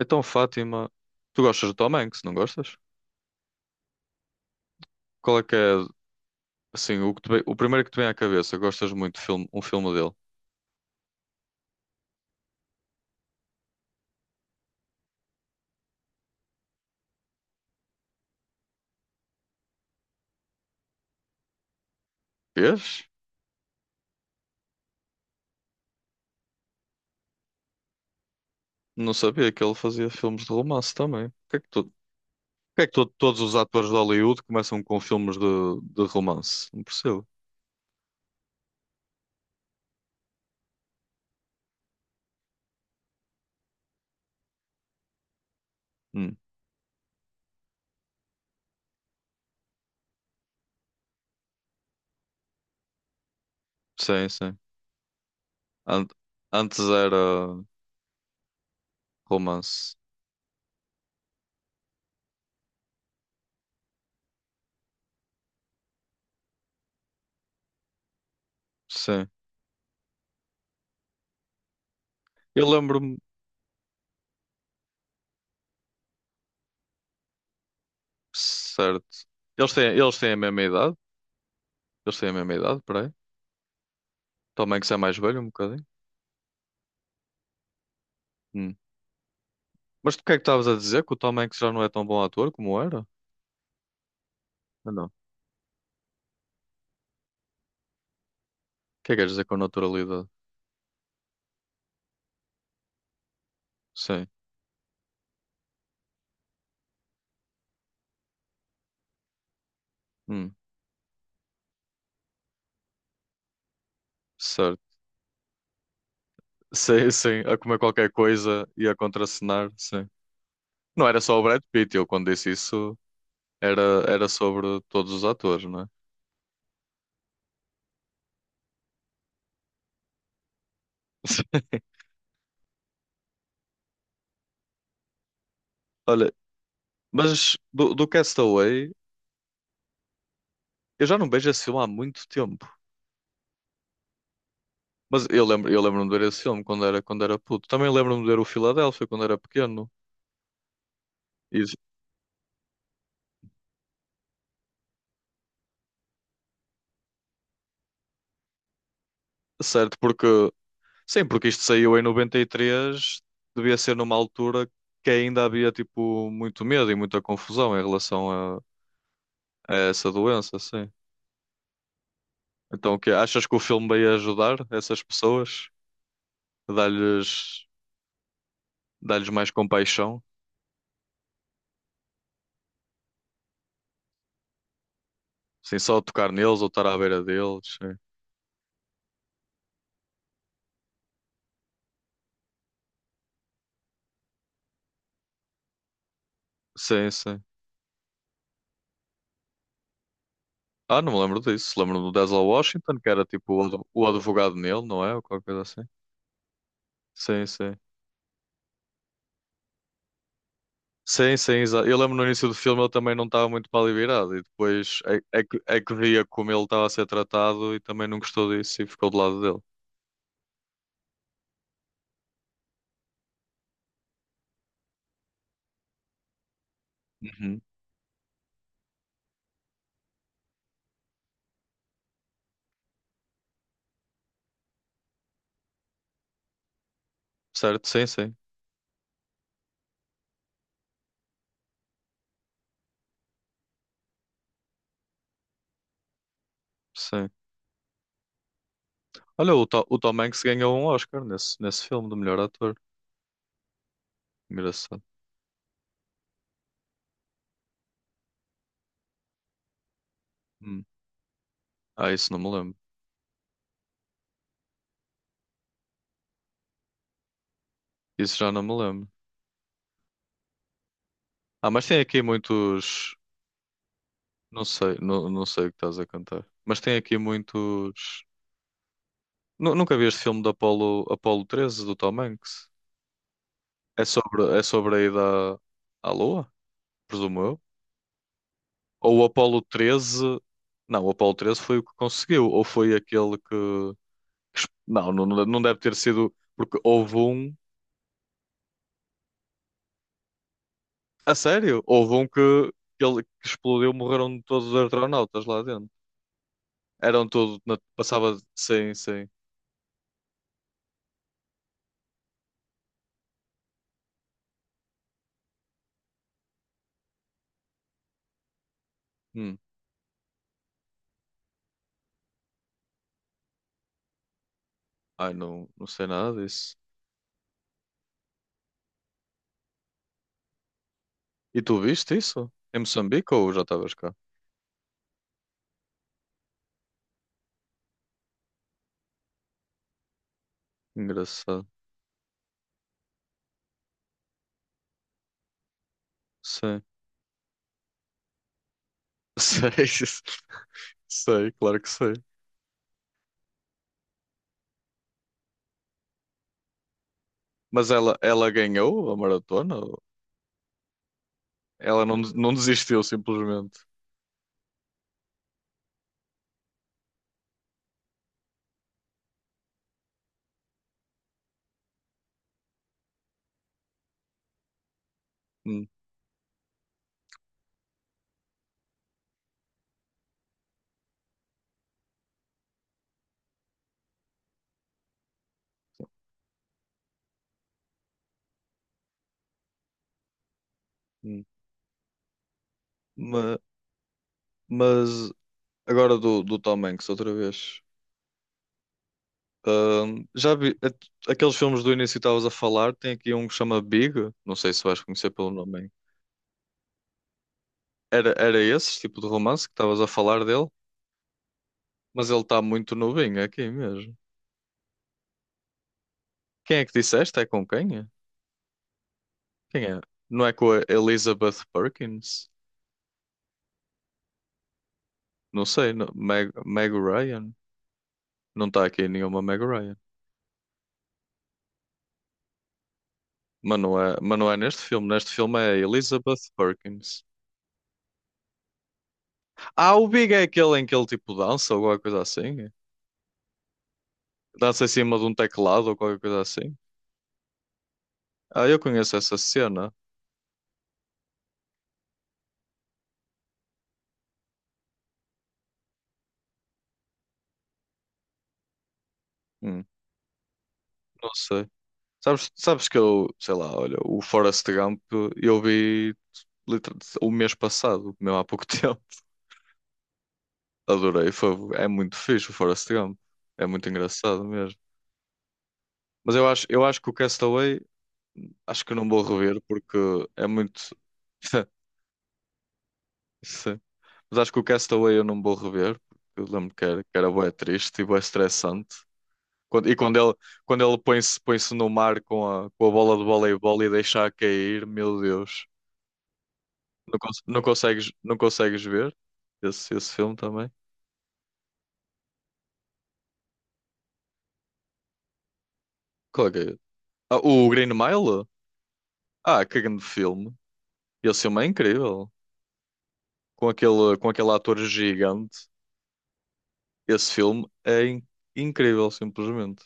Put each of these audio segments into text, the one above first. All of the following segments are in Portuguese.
Então, Fátima, tu gostas do Tom Hanks, não gostas? Qual é que é, assim, o primeiro que te vem à cabeça? Gostas muito de filme, um filme dele? Vês? Não sabia que ele fazia filmes de romance também. Porque é que todos os atores de Hollywood começam com filmes de romance? Não percebo. Hum, sim, sim. An- Antes era romance. Sim. Eu lembro-me, certo. Eles têm a mesma idade? Eles têm a mesma idade, peraí. Tom Hanks é mais velho um bocadinho? Hum. Mas do que é que estavas a dizer? Que o Tom Hanks já não é tão bom ator como era? Ah, não. O que é que queres dizer com naturalidade? Sim. Hum, certo. Sim, sim. A comer qualquer coisa e a contracenar, sim. Não era só o Brad Pitt, eu quando disse isso era, era sobre todos os atores, não é? Olha, mas do, do Castaway, eu já não vejo esse filme há muito tempo. Mas eu lembro, eu lembro-me de ver esse filme quando era puto. Também lembro-me de ver o Filadélfia quando era pequeno. E, certo, porque sim, porque isto saiu em 93, devia ser numa altura que ainda havia tipo muito medo e muita confusão em relação a essa doença, sim. Então, o quê? Achas que o filme veio ajudar essas pessoas? Dar-lhes dar-lhes mais compaixão? Sim, só tocar neles ou estar à beira deles? Sim, sim. Sim. Ah, não me lembro disso. Lembro-me do Denzel Washington, que era tipo o advogado nele, não é? Ou qualquer coisa assim. Sim, sim. Sim, sim, exato. Eu lembro no início do filme ele também não estava muito para ali virado e depois é que via como ele estava a ser tratado e também não gostou disso e ficou do lado dele. Uhum. Certo? Sim, sim, sim. Olha, o, o Tom Hanks ganhou um Oscar nesse, nesse filme do melhor ator. Engraçado. Hum. Ah, isso não me lembro. Isso já não me lembro. Ah, mas tem aqui muitos. Não sei, não, não sei o que estás a cantar. Mas tem aqui muitos. Nunca vi este filme do Apolo, Apolo 13 do Tom Hanks? É sobre a ida à à Lua? Presumo eu. Ou o Apollo treze. Não, o Apollo treze foi o que conseguiu. Ou foi aquele não, não, não deve ter sido. Porque houve um. A sério? Houve um que, ele, que explodiu, morreram todos os astronautas lá dentro. Eram todos. Passava. Sim, sim. Hum. Ai, não, não sei nada disso. E tu viste isso? Em Moçambique ou já estavas cá? Engraçado. Sei. Sei. Sei, claro que sei. Mas ela ganhou a maratona? Ela não, não desistiu, simplesmente. Hum, hum. Ma- Mas, agora do, do Tom Hanks, outra vez. Já vi aqueles filmes do início que estavas a falar? Tem aqui um que chama Big, não sei se vais conhecer pelo nome. Hein? Era, era esse tipo de romance que estavas a falar dele, mas ele está muito novinho aqui mesmo. Quem é que disseste? É com quem? É? Quem é? Não é com a Elizabeth Perkins? Não sei, não- Meg, Meg Ryan? Não está aqui nenhuma Meg Ryan. Mas não é neste filme. Neste filme é Elizabeth Perkins. Ah, o Big é aquele em que ele tipo dança ou qualquer coisa assim. Dança em cima de um teclado ou qualquer coisa assim. Ah, eu conheço essa cena. Hum, não sei. Sabes, sabes que eu, sei lá, olha, o Forrest Gump eu vi liter- o mês passado, mesmo há pouco tempo. Adorei. Foi, é muito fixe o Forrest Gump. É muito engraçado mesmo. Mas eu acho que o Castaway, acho que não vou rever porque é muito. Sim, mas acho que o Castaway eu não vou rever. Porque eu lembro que era bué triste e bué estressante. E quando ele põe-se no mar com a bola de voleibol e deixa a cair, meu Deus. Não, não consegues, não consegues ver esse, esse filme também? Qual é que é? Ah, o Green Mile? Ah, que grande filme. Esse filme é incrível. Com aquele ator gigante. Esse filme é incrível, simplesmente.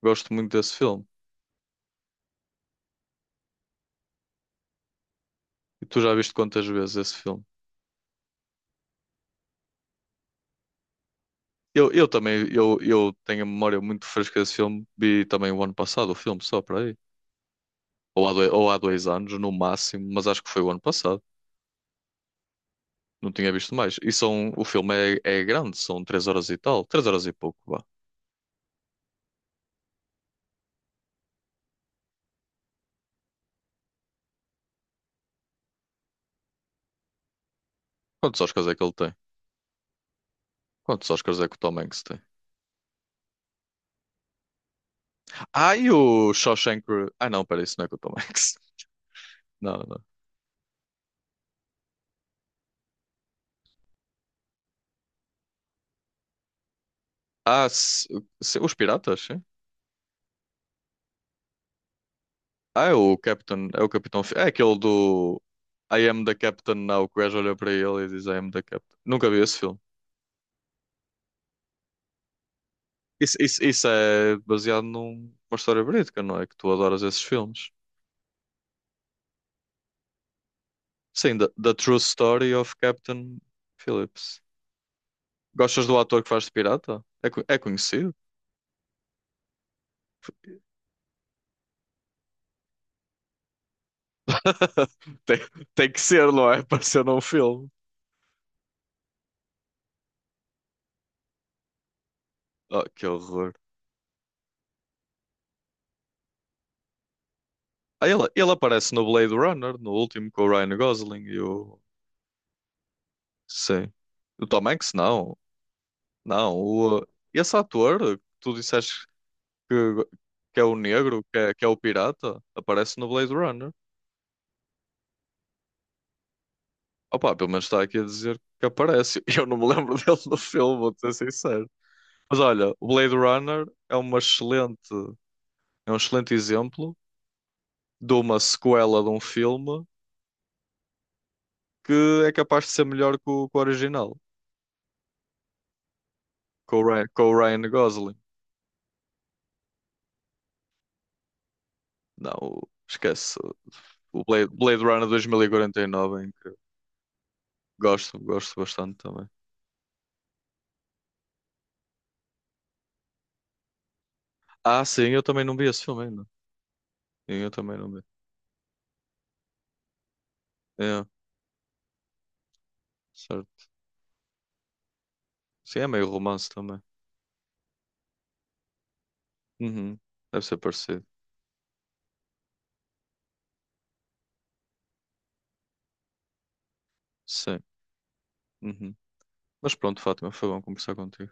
Gosto muito desse filme. E tu já viste quantas vezes esse filme? Eu também, eu tenho a memória muito fresca desse filme. Vi também o ano passado o filme, só para aí. Ou há dois anos, no máximo, mas acho que foi o ano passado. Não tinha visto mais. E são, o filme é, é grande, são três horas e tal. Três horas e pouco, vá. Quantos Oscars é que ele tem? Quantos Oscars é que o Tom Hanks tem? Ah, e o Shawshank... Re- Ah, não, peraí, isso não é com o Tom Hanks. Não, não. Ah, os Piratas, sim. Ah, é o Captain, é o Capitão... Fi- É aquele do... I am the Captain now, que o gajo olha para ele e diz I am the Captain. Nunca vi esse filme. Isso é baseado numa história verídica, não é? Que tu adoras esses filmes. Sim, The, The True Story of Captain Phillips. Gostas do ator que faz de pirata? É, é conhecido? Tem, tem que ser, não é? Para ser num filme. Oh, que horror. Ah, ele aparece no Blade Runner, no último com o Ryan Gosling e o. Sim. O Tom Hanks, não. Não. O, esse ator que tu disseste que, que é o negro, que é o pirata, aparece no Blade Runner. Opa, pelo menos está aqui a dizer que aparece. Eu não me lembro dele no filme, vou ser sincero. Mas olha, o Blade Runner é uma excelente, é um excelente exemplo de uma sequela de um filme que é capaz de ser melhor que o original, com o Ryan Gosling. Não, o- esquece. O Blade, Blade Runner 2049, em que gosto, gosto bastante também. Ah, sim, eu também não vi esse filme ainda. Sim, eu também não vi. É, certo. Sim, é meio romance também. Uhum. Deve ser parecido. Sim. Uhum. Mas pronto, Fátima, foi bom conversar contigo.